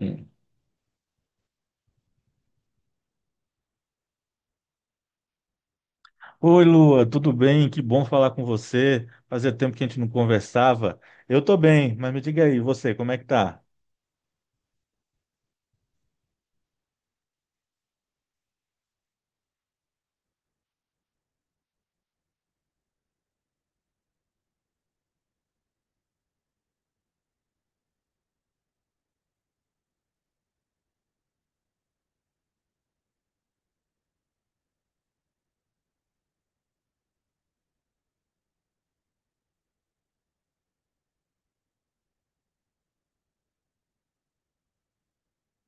Hum. Oi, Lua, tudo bem? Que bom falar com você. Fazia tempo que a gente não conversava. Eu tô bem, mas me diga aí, você, como é que tá?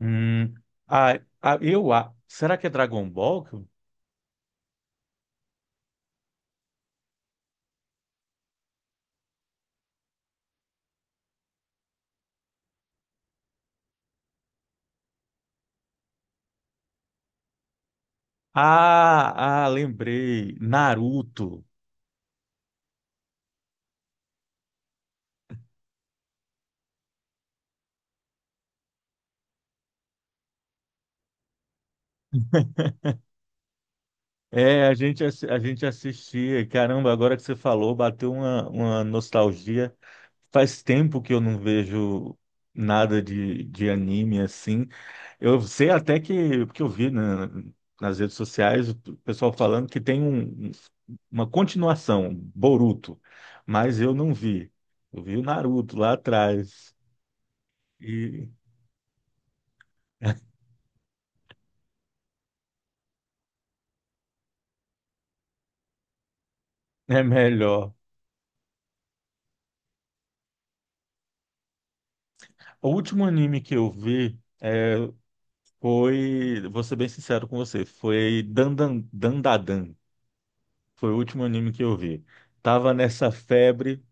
Hum, ah, ah, será que é Dragon Ball? Ah, lembrei. Naruto. É, a gente assistia. Caramba, agora que você falou, bateu uma nostalgia. Faz tempo que eu não vejo nada de anime assim. Eu sei até que, porque eu vi nas redes sociais o pessoal falando que tem uma continuação, Boruto, mas eu não vi. Eu vi o Naruto lá atrás e é melhor. O último anime que eu vi foi, vou ser bem sincero com você, foi Dandadan. Foi o último anime que eu vi. Tava nessa febre,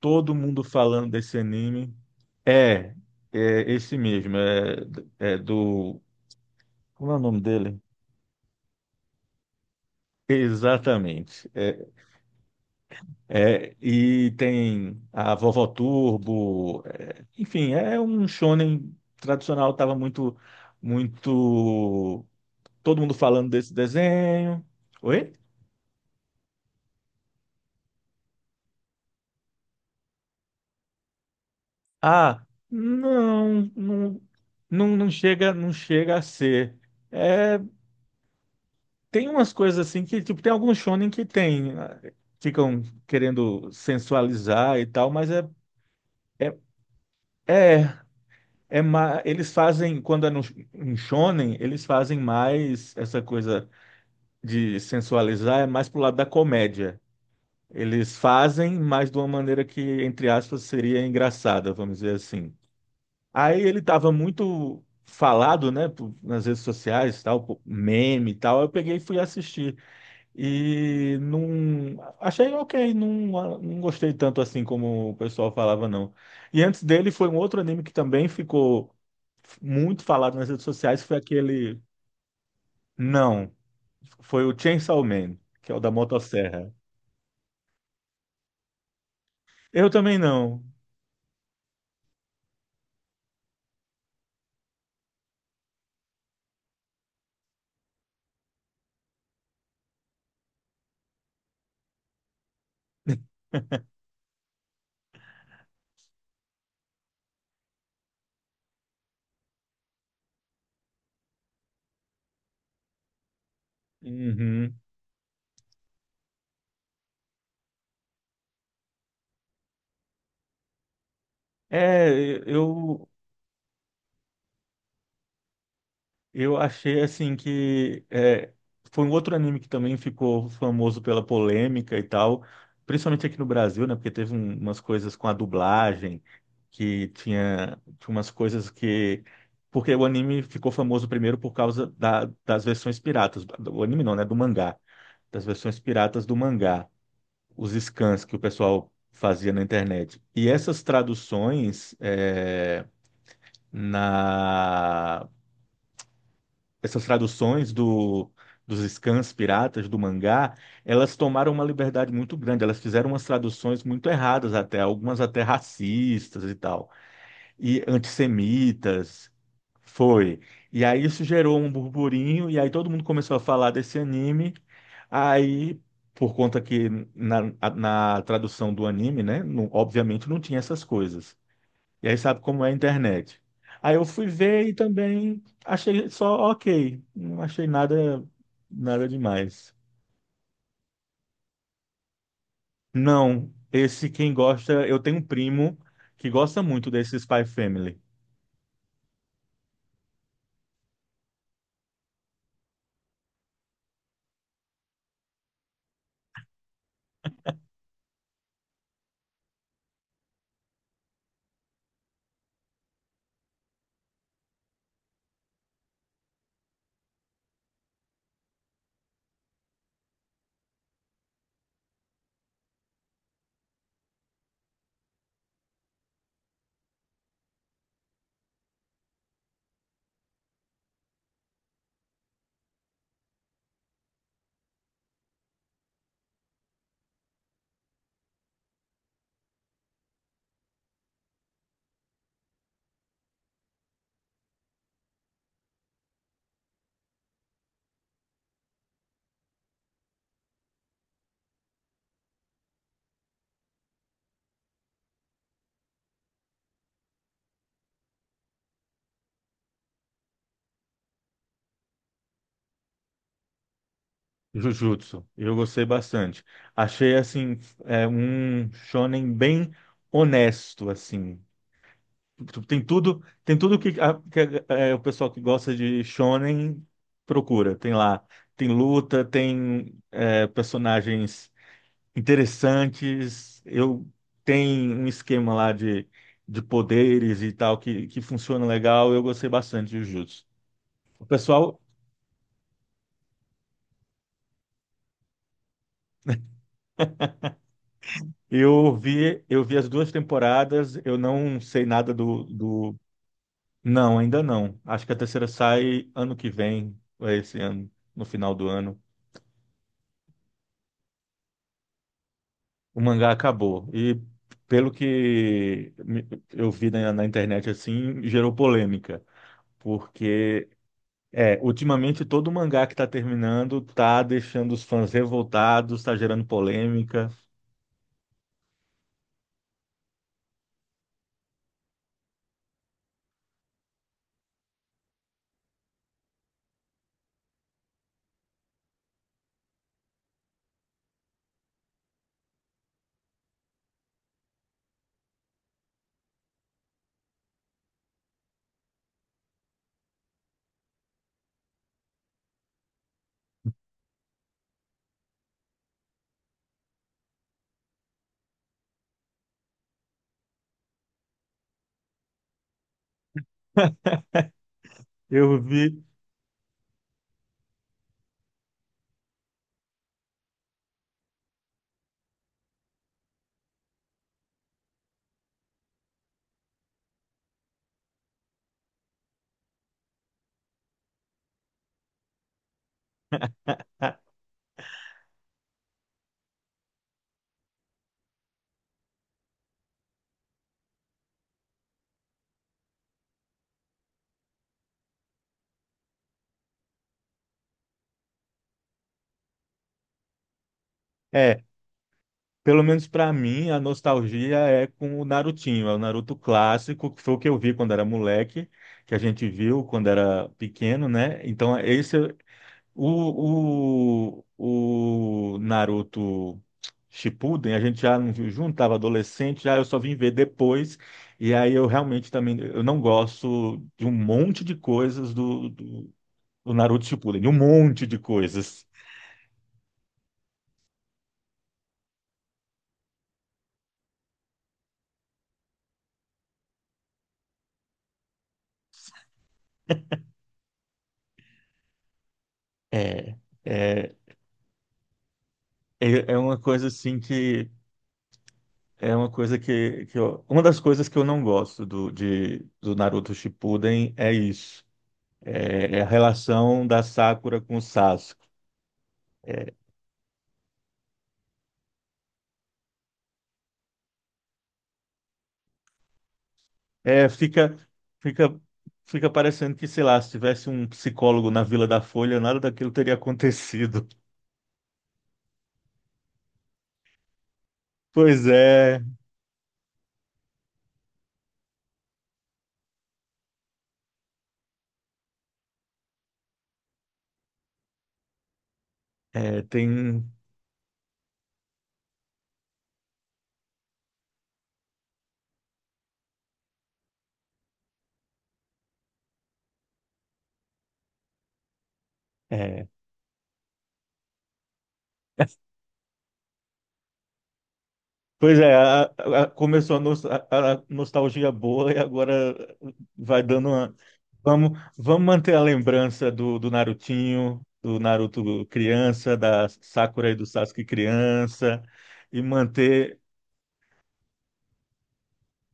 todo mundo falando desse anime. É, é, esse mesmo. É, é do Como é o nome dele? Exatamente. E tem a Vovó Turbo, enfim, é um shonen tradicional, tava muito, muito, todo mundo falando desse desenho. Oi? Ah, não, não, não, não chega a ser. É, tem umas coisas assim que, tipo, tem alguns shonen que ficam querendo sensualizar e tal, mas é, é. Eles fazem, quando é no em shonen, eles fazem mais essa coisa de sensualizar, é mais pro lado da comédia. Eles fazem, mas de uma maneira que, entre aspas, seria engraçada, vamos dizer assim. Aí ele estava muito falado, né, nas redes sociais, tal, meme e tal. Eu peguei e fui assistir. E não. Achei ok, não, não gostei tanto assim como o pessoal falava, não. E antes dele foi um outro anime que também ficou muito falado nas redes sociais, foi aquele. Não, foi o Chainsaw Man, que é o da motosserra. Eu também não. Uhum. É, eu Eu achei assim que foi um outro anime que também ficou famoso pela polêmica e tal, principalmente aqui no Brasil, né? Porque teve umas coisas com a dublagem, que tinha umas coisas que. Porque o anime ficou famoso primeiro por causa das versões piratas. O anime não, né? Do mangá. Das versões piratas do mangá. Os scans que o pessoal fazia na internet. Na Essas traduções dos scans piratas, do mangá, elas tomaram uma liberdade muito grande. Elas fizeram umas traduções muito erradas até, algumas até racistas e tal, e antissemitas. Foi. E aí isso gerou um burburinho, e aí todo mundo começou a falar desse anime. Aí, por conta que na, na tradução do anime, né, obviamente não tinha essas coisas. E aí sabe como é a internet. Aí eu fui ver e também achei só ok. Não achei nada, nada demais. Não, esse quem gosta, eu tenho um primo que gosta muito desse Spy Family. Jujutsu. Eu gostei bastante. Achei assim, um shonen bem honesto assim. Tem tudo que é, o pessoal que gosta de shonen procura. Tem lá, tem luta, tem personagens interessantes. Eu tenho um esquema lá de poderes e tal que funciona legal. Eu gostei bastante de Jujutsu. Pessoal, eu vi as duas temporadas. Eu não sei nada do. Não, ainda não. Acho que a terceira sai ano que vem, ou é esse ano, no final do ano. O mangá acabou. E pelo que eu vi na internet assim, gerou polêmica. Porque ultimamente todo mangá que tá terminando tá deixando os fãs revoltados, tá gerando polêmica. Eu vi, ah, é, pelo menos pra mim a nostalgia é com o Narutinho, é o Naruto clássico, que foi o que eu vi quando era moleque, que a gente viu quando era pequeno, né? O Naruto Shippuden, a gente já não viu junto, estava adolescente, já eu só vim ver depois. E aí eu realmente também, eu não gosto de um monte de coisas do Naruto Shippuden, de um monte de coisas. É, é, é, uma coisa assim que, é uma coisa que uma das coisas que eu não gosto do Naruto Shippuden é isso, é a relação da Sakura com o Sasuke. É, fica, fica parecendo que, sei lá, se tivesse um psicólogo na Vila da Folha, nada daquilo teria acontecido. Pois é, tem. É. Pois é, a- começou a, nos- a nostalgia boa e agora vai dando uma. Vamos manter a lembrança do Narutinho, do Naruto criança, da Sakura e do Sasuke criança, e manter,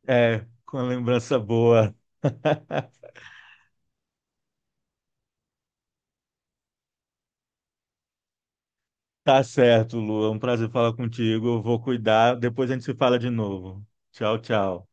com a lembrança boa. Tá certo, Lu. É um prazer falar contigo. Eu vou cuidar. Depois a gente se fala de novo. Tchau, tchau.